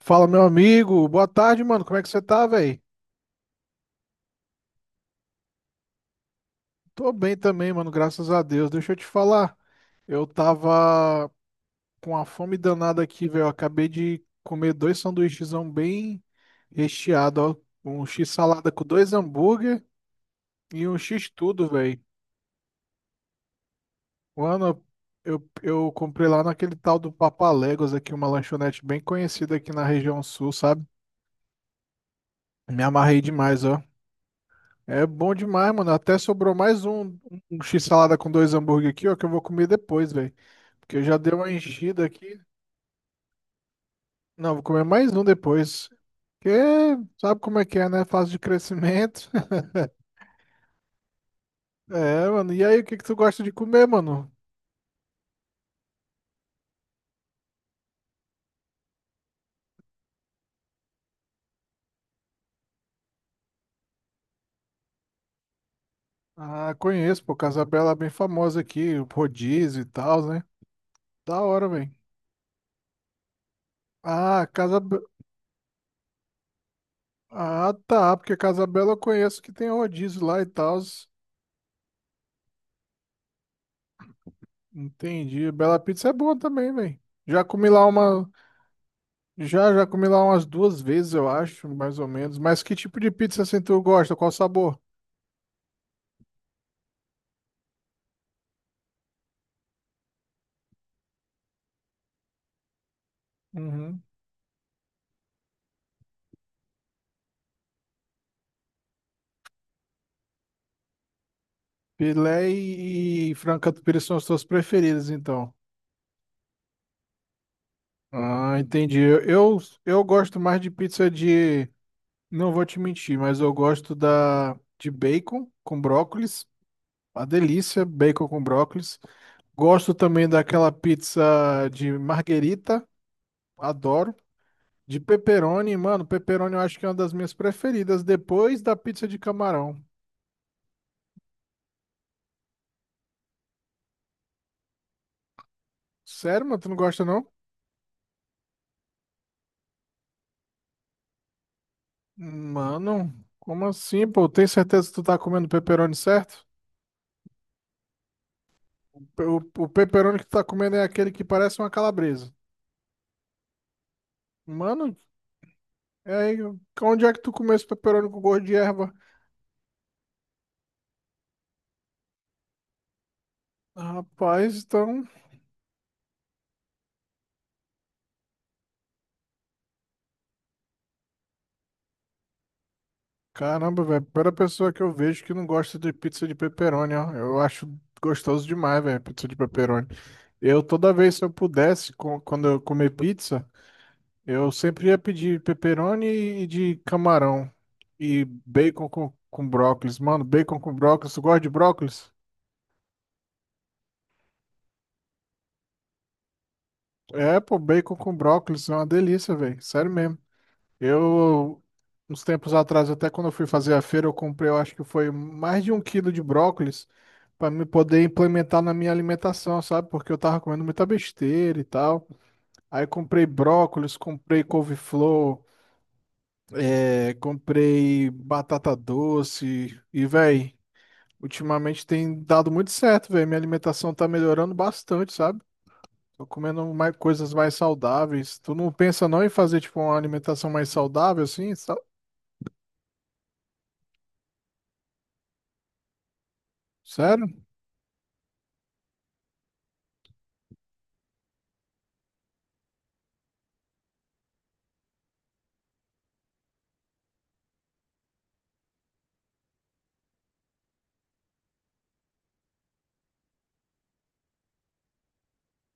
Fala, meu amigo. Boa tarde, mano. Como é que você tá, velho? Tô bem também, mano. Graças a Deus. Deixa eu te falar. Eu tava com uma fome danada aqui, velho. Eu acabei de comer dois sanduíchezão bem recheado, ó. Um x-salada com dois hambúrguer e um x-tudo, velho. Mano, eu comprei lá naquele tal do Papaléguas aqui, uma lanchonete bem conhecida aqui na região sul, sabe? Me amarrei demais, ó. É bom demais, mano. Até sobrou mais um x-salada com dois hambúrguer aqui, ó, que eu vou comer depois, velho. Porque eu já dei uma enchida aqui. Não, vou comer mais um depois. Porque sabe como é que é, né? Fase de crescimento. É, mano. E aí, o que que tu gosta de comer, mano? Ah, conheço, pô. Casabela é bem famosa aqui, o rodízio e tal, né? Da hora, velho. Ah, Casa. Ah, tá. Porque Casabela eu conheço que tem um rodízio lá e tal. Entendi. Bela Pizza é boa também, velho. Já comi lá uma. Já comi lá umas duas vezes, eu acho, mais ou menos. Mas que tipo de pizza assim tu gosta? Qual sabor? Uhum. Filé e frango catupiry são as tuas preferidas, então. Ah, entendi. Eu gosto mais de pizza de. Não vou te mentir, mas eu gosto da de bacon com brócolis. Uma delícia, bacon com brócolis. Gosto também daquela pizza de marguerita. Adoro. De pepperoni, mano, pepperoni eu acho que é uma das minhas preferidas, depois da pizza de camarão. Sério, mano, tu não gosta não? Mano, como assim, pô? Tem certeza que tu tá comendo pepperoni certo? O pepperoni que tu tá comendo é aquele que parece uma calabresa. Mano, é aí, onde é que tu comeu esse pepperoni com gosto de erva? Rapaz, então. Caramba, velho, primeira pessoa que eu vejo que não gosta de pizza de pepperoni, ó. Eu acho gostoso demais, velho, pizza de pepperoni. Eu, toda vez, se eu pudesse, quando eu comer pizza. Eu sempre ia pedir pepperoni e de camarão. E bacon com brócolis. Mano, bacon com brócolis. Tu gosta de brócolis? É, pô, bacon com brócolis é uma delícia, velho. Sério mesmo. Eu, uns tempos atrás, até quando eu fui fazer a feira, eu comprei, eu acho que foi mais de um quilo de brócolis pra me poder implementar na minha alimentação, sabe? Porque eu tava comendo muita besteira e tal. Aí comprei brócolis, comprei couve-flor, é, comprei batata doce e, velho. Ultimamente tem dado muito certo, velho. Minha alimentação tá melhorando bastante, sabe? Tô comendo mais coisas mais saudáveis. Tu não pensa não em fazer, tipo, uma alimentação mais saudável, assim? Sério?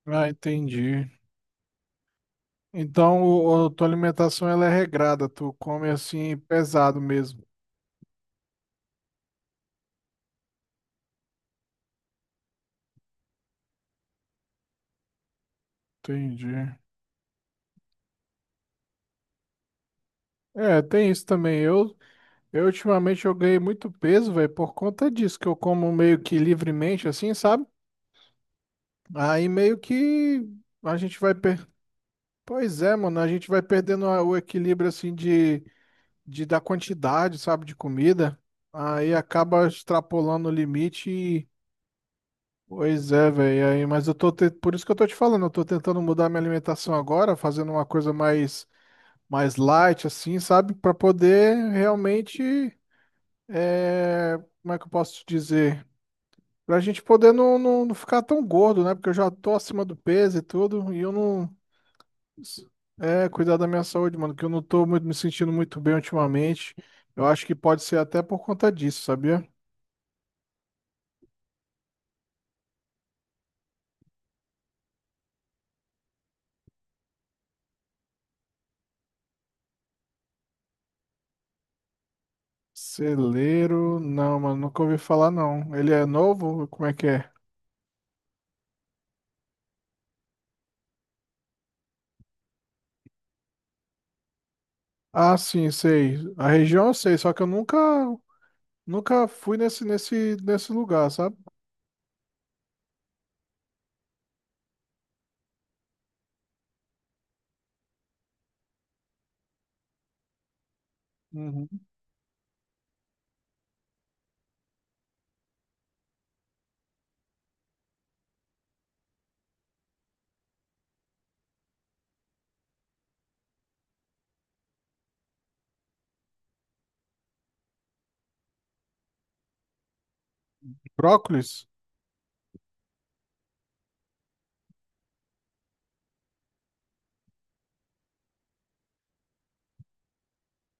Ah, entendi. Então, tua alimentação, ela é regrada. Tu come, assim, pesado mesmo. Entendi. É, tem isso também. Eu ultimamente, eu ganhei muito peso, velho, por conta disso, que eu como meio que livremente, assim, sabe? Aí meio que a gente vai. Pois é, mano, a gente vai perdendo o equilíbrio assim de da quantidade, sabe, de comida. Aí acaba extrapolando o limite e, pois é, velho. Aí, mas eu por isso que eu tô te falando, eu tô tentando mudar minha alimentação agora, fazendo uma coisa mais light assim, sabe, pra poder realmente é, como é que eu posso te dizer? Pra gente poder não ficar tão gordo, né? Porque eu já tô acima do peso e tudo, e eu não É, cuidar da minha saúde, mano, que eu não tô muito, me sentindo muito bem ultimamente. Eu acho que pode ser até por conta disso, sabia? Celeiro, não, mano, nunca ouvi falar não. Ele é novo? Como é que é? Ah, sim, sei. A região eu sei, só que eu nunca, nunca fui nesse lugar, sabe? Uhum. Brócolis?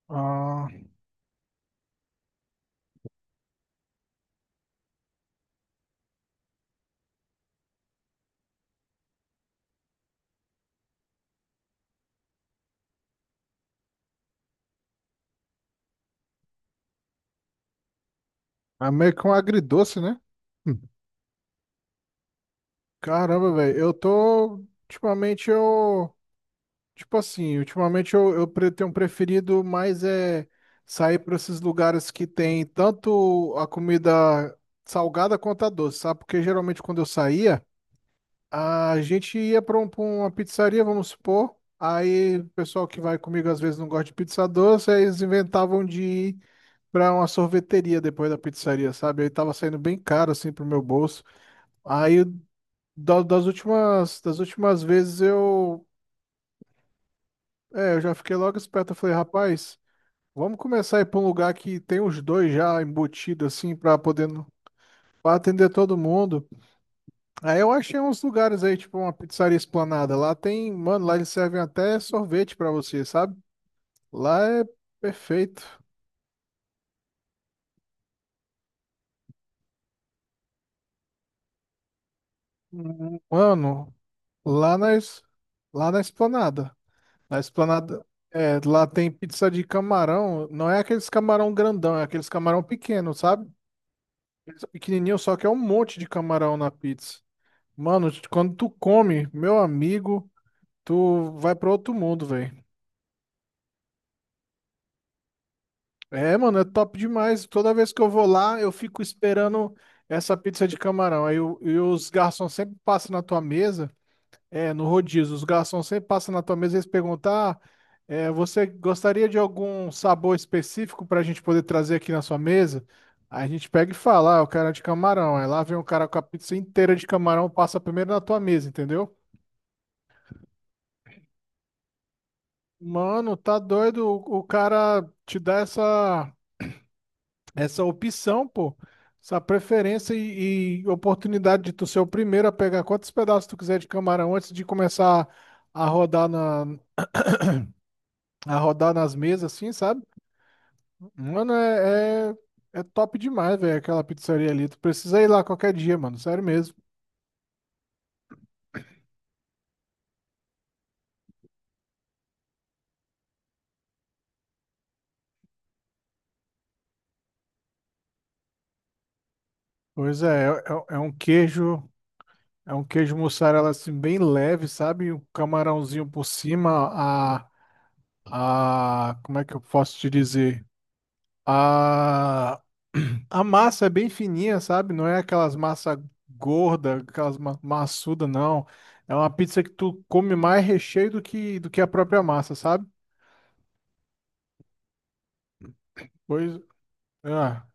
Ah, é meio que um agridoce, né? Caramba, velho, eu tô. Ultimamente eu. Tipo assim, ultimamente eu tenho preferido mais é sair para esses lugares que tem tanto a comida salgada quanto a doce, sabe? Porque geralmente quando eu saía, a gente ia para uma pizzaria, vamos supor. Aí o pessoal que vai comigo às vezes não gosta de pizza doce, aí eles inventavam de ir pra uma sorveteria depois da pizzaria, sabe? Aí tava saindo bem caro assim pro meu bolso. Aí das últimas vezes eu, é, eu já fiquei logo esperto. Eu falei, rapaz, vamos começar a ir para um lugar que tem os dois já embutidos, assim, para poder pra atender todo mundo. Aí eu achei uns lugares aí, tipo uma pizzaria Esplanada. Lá tem, mano, lá eles servem até sorvete para você, sabe? Lá é perfeito. Mano, lá na, es- lá na Esplanada. Na Esplanada. É, lá tem pizza de camarão. Não é aqueles camarão grandão, é aqueles camarão pequeno, sabe? Pizza Pequenininho, só que é um monte de camarão na pizza. Mano, quando tu come, meu amigo, tu vai pra outro mundo, velho. É, mano, é top demais. Toda vez que eu vou lá, eu fico esperando essa pizza de camarão. Aí e os garçons sempre passam na tua mesa. É, no rodízio, os garçons sempre passam na tua mesa e eles perguntam: ah, é, você gostaria de algum sabor específico para a gente poder trazer aqui na sua mesa? Aí a gente pega e fala: ah, o cara é de camarão. Aí lá vem o cara com a pizza inteira de camarão, passa primeiro na tua mesa, entendeu? Mano, tá doido o cara te dá essa, essa opção, pô, essa preferência e oportunidade de tu ser o primeiro a pegar quantos pedaços tu quiser de camarão antes de começar a rodar, na, a rodar nas mesas, assim, sabe? Mano, é top demais, velho, aquela pizzaria ali. Tu precisa ir lá qualquer dia, mano, sério mesmo. Pois é um queijo, é um queijo mussarela assim bem leve, sabe? Um camarãozinho por cima, como é que eu posso te dizer? A, a massa é bem fininha, sabe? Não é aquelas massas gorda, aquelas ma maçuda, não. É uma pizza que tu come mais recheio do que a própria massa, sabe? Pois, ah.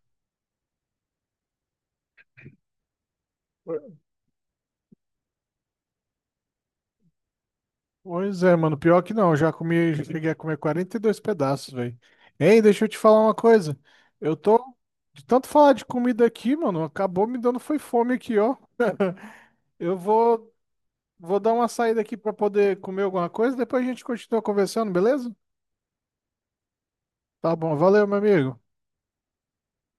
Pois é, mano. Pior que não, eu já comi, já cheguei a comer 42 pedaços, velho. Ei, deixa eu te falar uma coisa. Eu tô, de tanto falar de comida aqui, mano, acabou me dando foi fome aqui, ó. Eu vou dar uma saída aqui pra poder comer alguma coisa, depois a gente continua conversando, beleza? Tá bom, valeu, meu amigo.